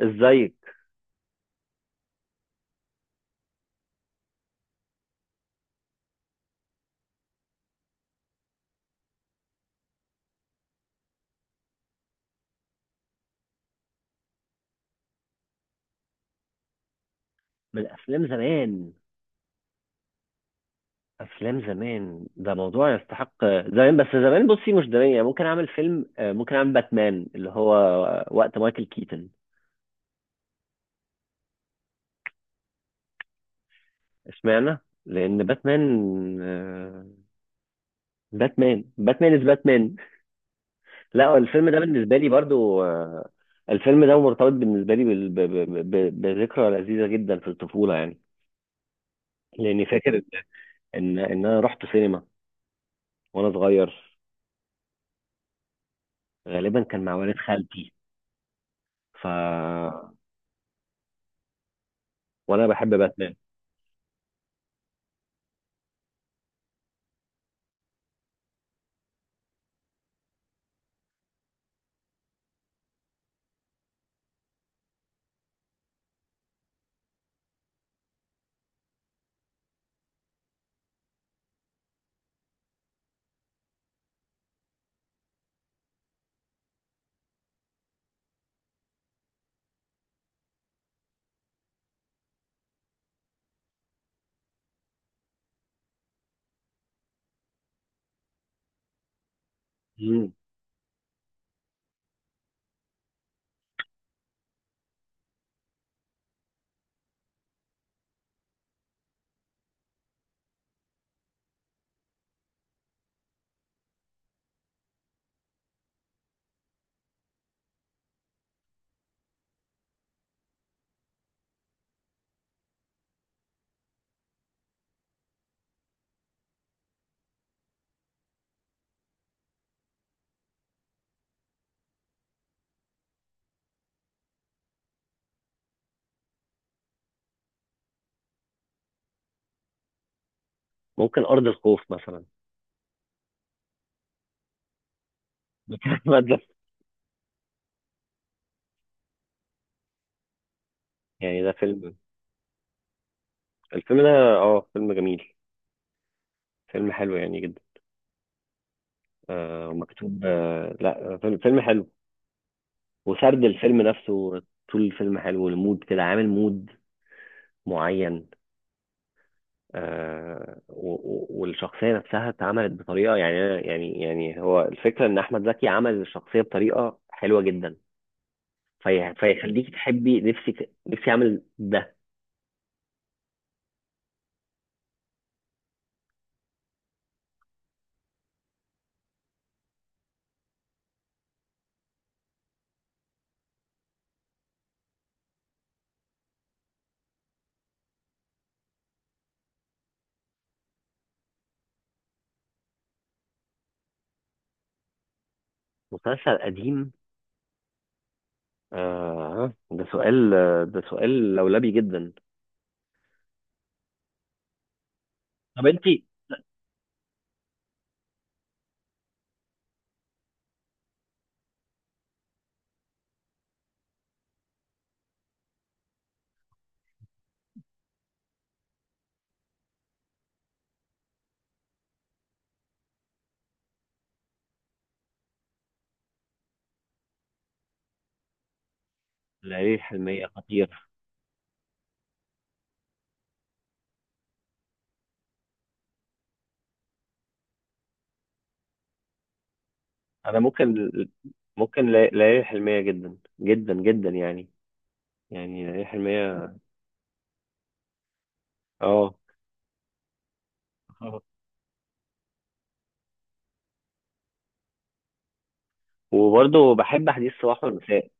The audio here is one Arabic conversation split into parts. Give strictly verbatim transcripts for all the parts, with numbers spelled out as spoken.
ازيك؟ من افلام زمان. افلام زمان ده موضوع يستحق. زمان بس، زمان بصي، مش زمان. يعني ممكن اعمل فيلم آه، ممكن اعمل باتمان، اللي هو وقت مايكل كيتن. اشمعنى؟ لان باتمان، آه، باتمان باتمان از باتمان. لا، الفيلم ده بالنسبه لي برضو آه، الفيلم ده مرتبط بالنسبه لي بال- ب- ب- ب- بذكرى لذيذه جدا في الطفوله يعني. لاني فاكر ان ان انا رحت سينما وانا صغير، غالبا كان مع والد خالتي. ف وانا بحب باتمان. مم. ممكن أرض الخوف مثلا. أحمد ده. يعني ده فيلم. الفيلم ده اه فيلم جميل، فيلم حلو يعني جدا. آه ومكتوب، آه لا فيلم فيلم حلو. وسرد الفيلم نفسه طول الفيلم حلو، المود كده عامل مود معين. آه و- و- والشخصية نفسها اتعملت بطريقة يعني أنا- يعني يعني هو الفكرة ان احمد زكي عمل الشخصية بطريقة حلوة جدا. في فيخليك تحبي نفسك نفسي اعمل ده. مسلسل قديم، آه ده سؤال، ده سؤال لولبي جدا. طب انت. ليالي الحلمية خطير. انا ممكن، ممكن لي- ليالي الحلمية جدا جدا جدا يعني. يعني ليالي الحلمية، اه. خلاص. وبرضه بحب حديث صباح والمساء.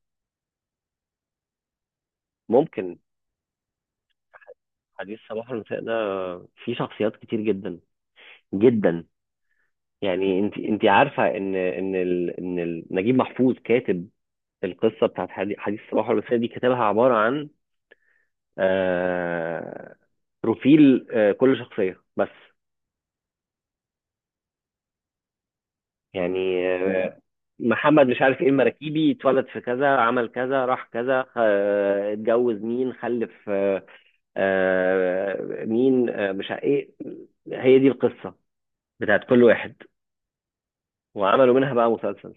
ممكن. حديث صباح والمساء ده فيه شخصيات كتير جدا جدا. يعني انت انت عارفة ان ان ال... ان ال... نجيب محفوظ كاتب القصة بتاعت حدي- حديث صباح والمساء، دي كتبها عبارة عن آه، بروفيل آه، كل شخصية بس. يعني آه، محمد مش عارف ايه المراكيبي اتولد في كذا، عمل كذا، راح كذا، خ- آه، اتجوز مين، خلف آه، آه، مين آه، مش عارف ايه. هي دي القصة بتاعت كل واحد، وعملوا منها بقى مسلسل.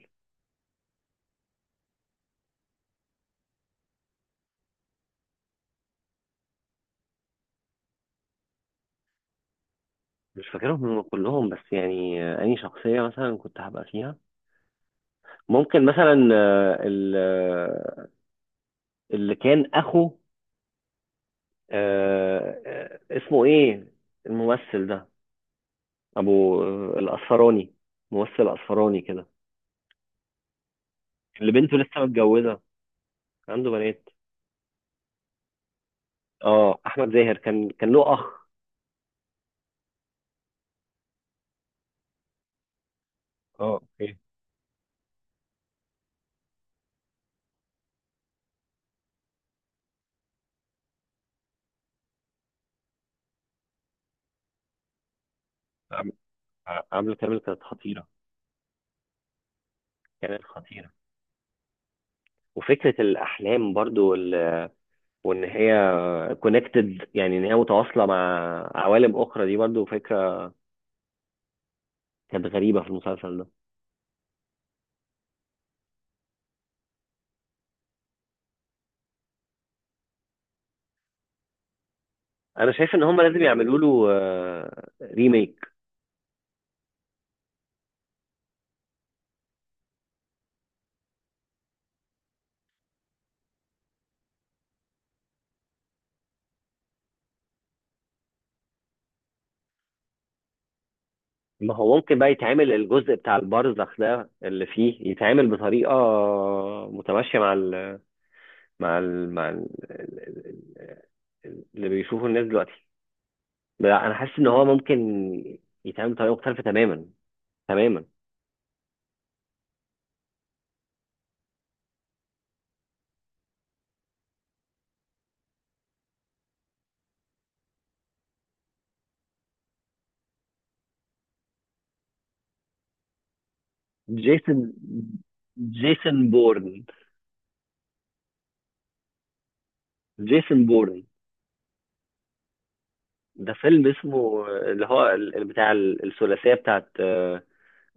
مش فاكرهم هم كلهم بس يعني آه، أي شخصية مثلا كنت هبقى فيها، ممكن مثلا آه، ال- آه، اللي كان أخو آه، آه، اسمه ايه الممثل ده، ابو آه، الاصفراني، ممثل اصفراني كده، اللي بنته لسه متجوزه عنده بنات. اه احمد زاهر، كان كان له اخ. اه، اوكي. عم- ع- عامله كامل كانت خطيره، كانت خطيره. وفكره الاحلام برضو وال- وان هي كونكتد، يعني ان هي متواصله مع عوالم اخرى، دي برضو فكره كانت غريبه في المسلسل ده. انا شايف ان هم لازم يعملوا له ريميك. ما هو ممكن بقى يتعمل الجزء بتاع البرزخ ده اللي فيه، يتعمل بطريقة متماشية مع ال مع ال مع ال اللي بيشوفه الناس دلوقتي. لا انا حاسس ان هو ممكن يتعمل بطريقة مختلفة تماما، تماما. جيسون، جيسون بورن. جيسون بورن ده فيلم اسمه، اللي هو ال- ال- بتاع ال- الثلاثية بتاعت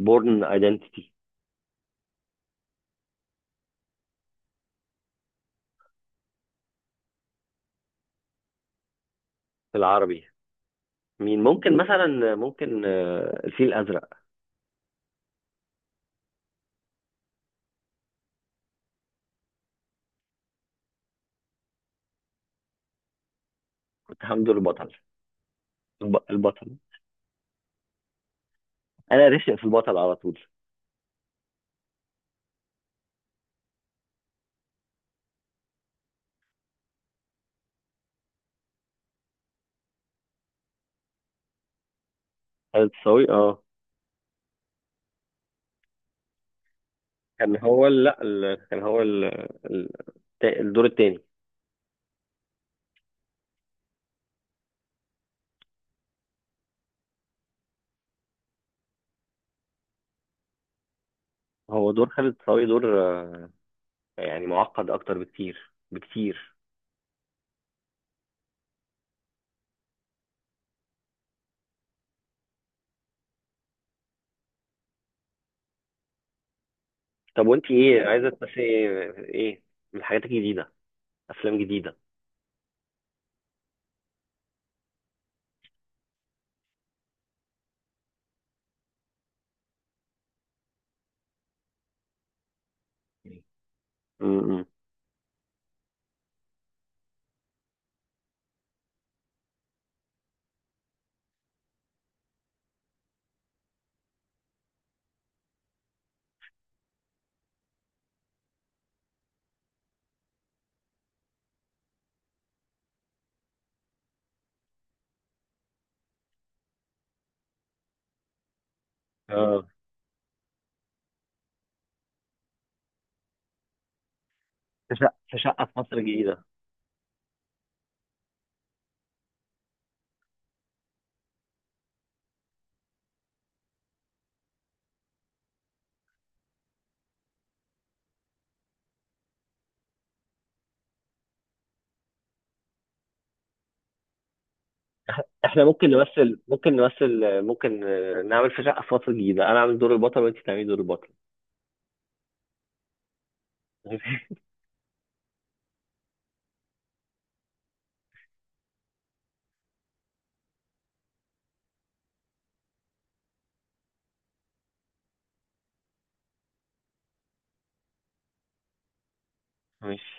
بورن ايدنتيتي. في العربي، مين ممكن مثلا، ممكن آه، الفيل الازرق. حمد البطل. الب... البطل. انا رشق في البطل على طول. خالد صاوي، اه. كان هو ال...، لا ال... كان هو ال... ال... التا- الدور التاني. هو دور خالد صاوي دور آه، يعني معقد اكتر بكتير، بكتير. طب وانت ايه عايزه تمثلي، ايه ايه من حاجات جديده، افلام جديده. امم. اه في شقة، في شقة في مصر الجديدة. احنا ممكن نمثل، ممكن نمثل ممكن آه، نعمل في شقه في مصر الجديده، انا اعمل دور البطل وانت تعملي دور البطل. ماشي.